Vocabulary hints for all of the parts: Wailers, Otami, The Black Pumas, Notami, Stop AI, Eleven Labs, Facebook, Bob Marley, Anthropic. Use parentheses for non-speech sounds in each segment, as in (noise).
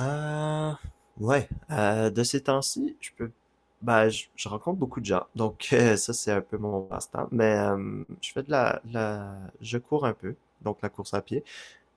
Euh, ouais, de ces temps-ci, je peux, bah, je rencontre beaucoup de gens, donc (laughs) ça c'est un peu mon passe-temps. Mais je fais de la, je cours un peu, donc la course à pied.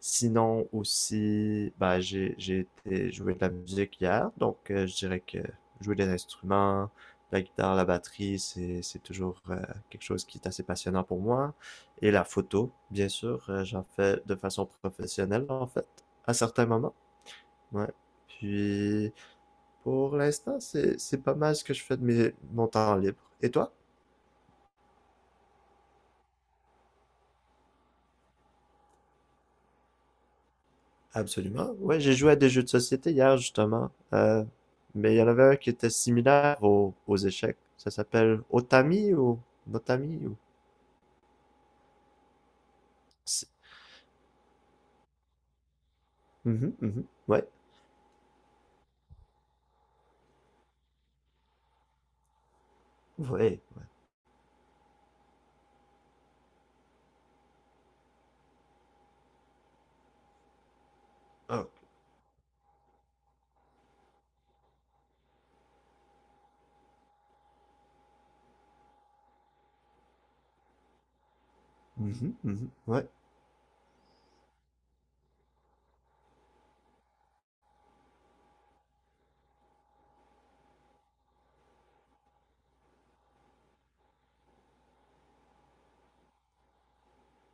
Sinon aussi, bah, j'ai été jouer de la musique hier, donc je dirais que jouer des instruments, la guitare, la batterie, c'est toujours quelque chose qui est assez passionnant pour moi. Et la photo, bien sûr, j'en fais de façon professionnelle en fait, à certains moments. Ouais. Puis pour l'instant, c'est pas mal ce que je fais de mes mon temps libre. Et toi? Absolument. Ouais, j'ai joué à des jeux de société hier justement. Mais il y en avait un qui était similaire aux échecs. Ça s'appelle Otami ou Notami ou. C'est- Mhm, mhm. Ouais. Ouais. Ah. Mhm, mhm. Ouais.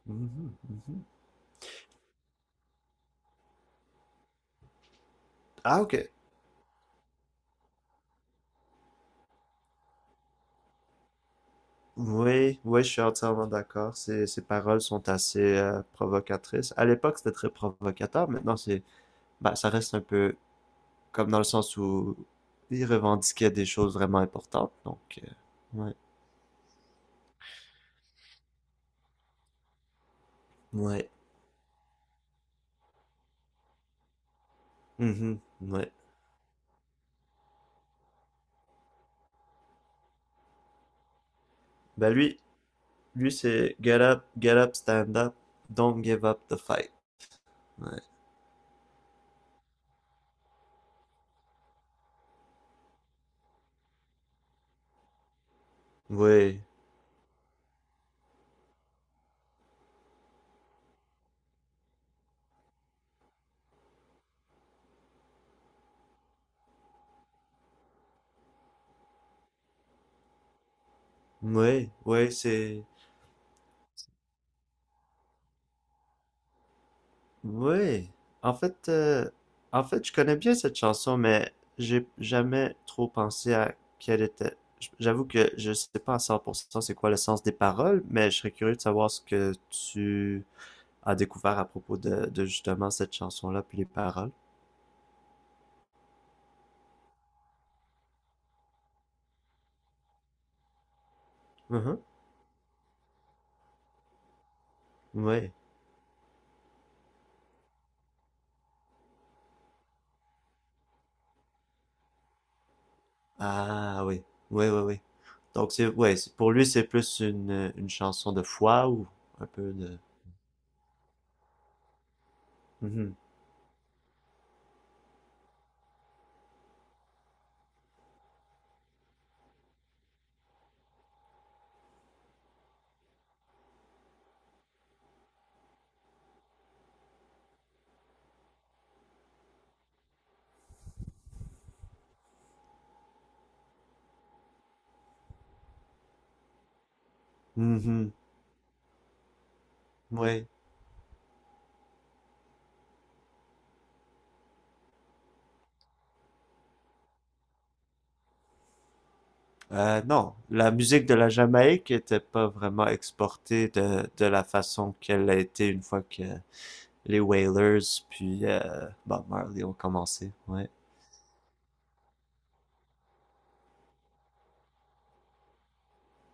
Mhm, mhm. Ah, ok. Oui, oui, je suis entièrement d'accord. Ces paroles sont assez provocatrices. À l'époque, c'était très provocateur. Maintenant, bah, ça reste un peu, comme dans le sens où il revendiquait des choses vraiment importantes. Donc, ouais. Ouais. Mhm. Ouais. Ben lui c'est get up, stand up, don't give up the fight. Ouais. Ouais. Ouais. Ouais, c'est. Ouais. En fait, euh, en fait, je connais bien cette chanson, mais j'ai jamais trop pensé à quelle était. J'avoue que je sais pas à 100% c'est quoi le sens des paroles, mais je serais curieux de savoir ce que tu a découvert à propos de justement cette chanson-là, puis les paroles. Mhm. Ouais. Ah oui. Oui, oui, oui. Donc c'est, ouais, pour lui c'est plus une chanson de foi ou un peu de. Mhm. Mhm. Ouais. Non, la musique de la Jamaïque était pas vraiment exportée de la façon qu'elle a été une fois que les Wailers puis Bob Marley ont commencé. Ouais.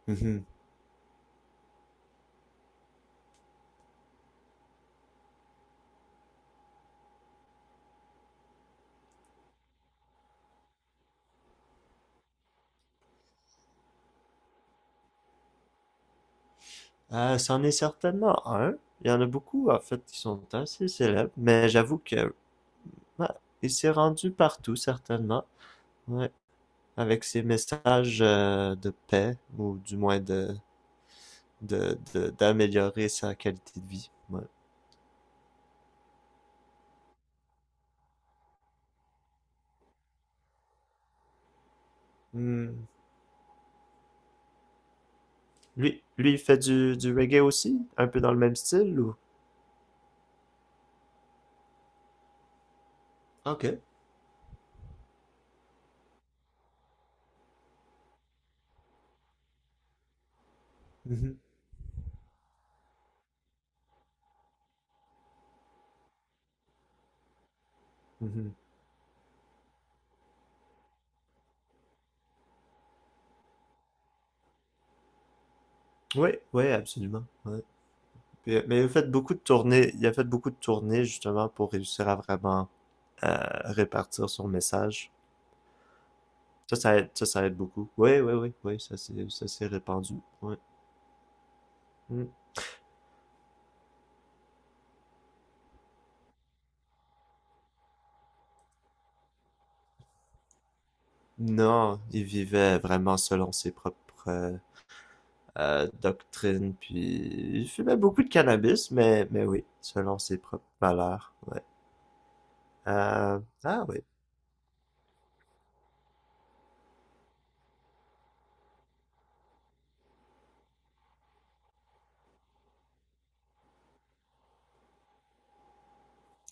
Mhm. C'en est certainement un. Il y en a beaucoup, en fait, qui sont assez célèbres, mais j'avoue que ouais, il s'est rendu partout, certainement. Ouais, avec ses messages de paix, ou du moins d'améliorer sa qualité de vie. Ouais. Hmm. Lui, il fait du reggae aussi, un peu dans le même style, ou? Ok. Mhm, mhm. Oui, oui, absolument. Ouais. Puis, mais il a fait beaucoup de tournées justement pour réussir à vraiment à répartir son message. Ça aide, ça aide beaucoup. Oui, oui, oui, oui, ça s'est répandu. Ouais. Mm. Non, il vivait vraiment selon ses propres doctrines, puis il fumait beaucoup de cannabis, mais oui, selon ses propres valeurs. Ouais. Ah oui,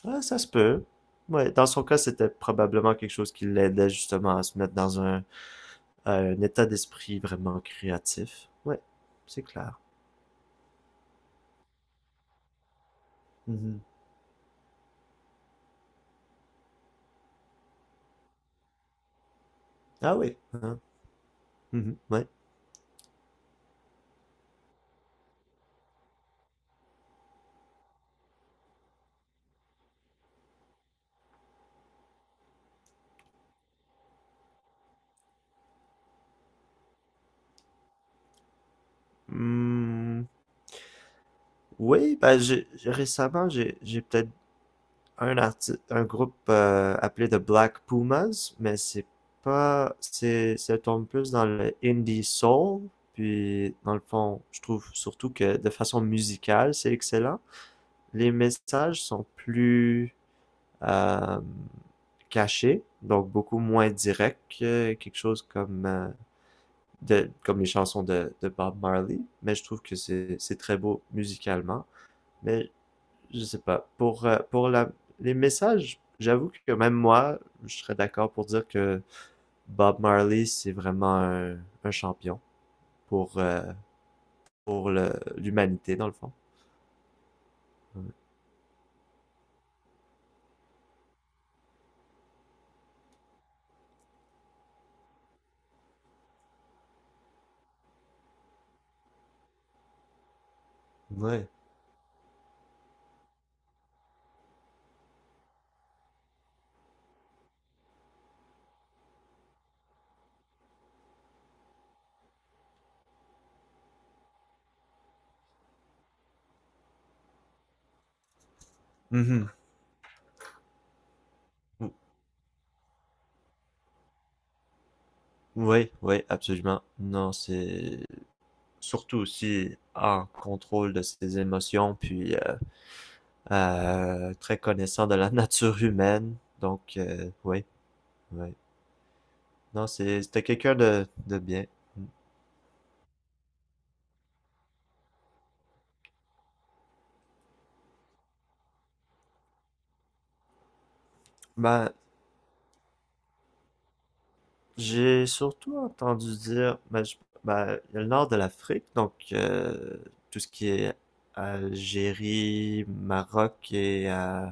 ah, ça se peut. Ouais, dans son cas, c'était probablement quelque chose qui l'aidait justement à se mettre dans un état d'esprit vraiment créatif. Ouais, c'est clair. Mhm. Ah oui, hein. Mhm. Ouais. Hmm, oui, ben récemment j'ai peut-être un groupe appelé The Black Pumas, mais c'est pas, c'est, ça tombe plus dans le indie soul, puis dans le fond, je trouve surtout que de façon musicale, c'est excellent. Les messages sont plus euh, cachés, donc beaucoup moins directs que quelque chose comme comme les chansons de Bob Marley, mais je trouve que c'est très beau musicalement. Mais je sais pas. Pour les messages, j'avoue que même moi, je serais d'accord pour dire que Bob Marley, c'est vraiment un champion pour, euh, l'humanité, dans le fond. Mhm. Oui, oui, absolument. Non, c'est surtout aussi en contrôle de ses émotions, puis très connaissant de la (laughs) nature humaine. Donc, oui, oui. Non, c'était quelqu'un de bien. Mm. Ben, j'ai surtout entendu dire, ben, ben, il y a le nord de l'Afrique, donc tout ce qui est Algérie, Maroc et euh,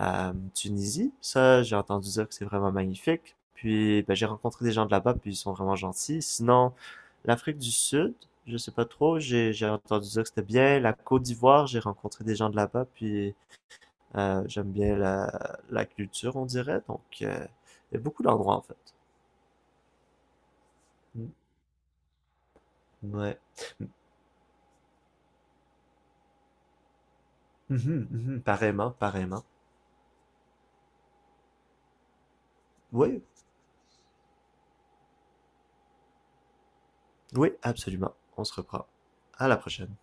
euh, Tunisie, ça j'ai entendu dire que c'est vraiment magnifique. Puis ben, j'ai rencontré des gens de là-bas, puis ils sont vraiment gentils. Sinon, l'Afrique du Sud, je sais pas trop, j'ai entendu dire que c'était bien. La Côte d'Ivoire, j'ai rencontré des gens de là-bas, puis j'aime bien la culture, on dirait. Donc il y a beaucoup d'endroits en fait. Mm. Ouais. Mhm, mhm. Pareillement, pareillement. Oui, oui, absolument. On se reprend. À la prochaine.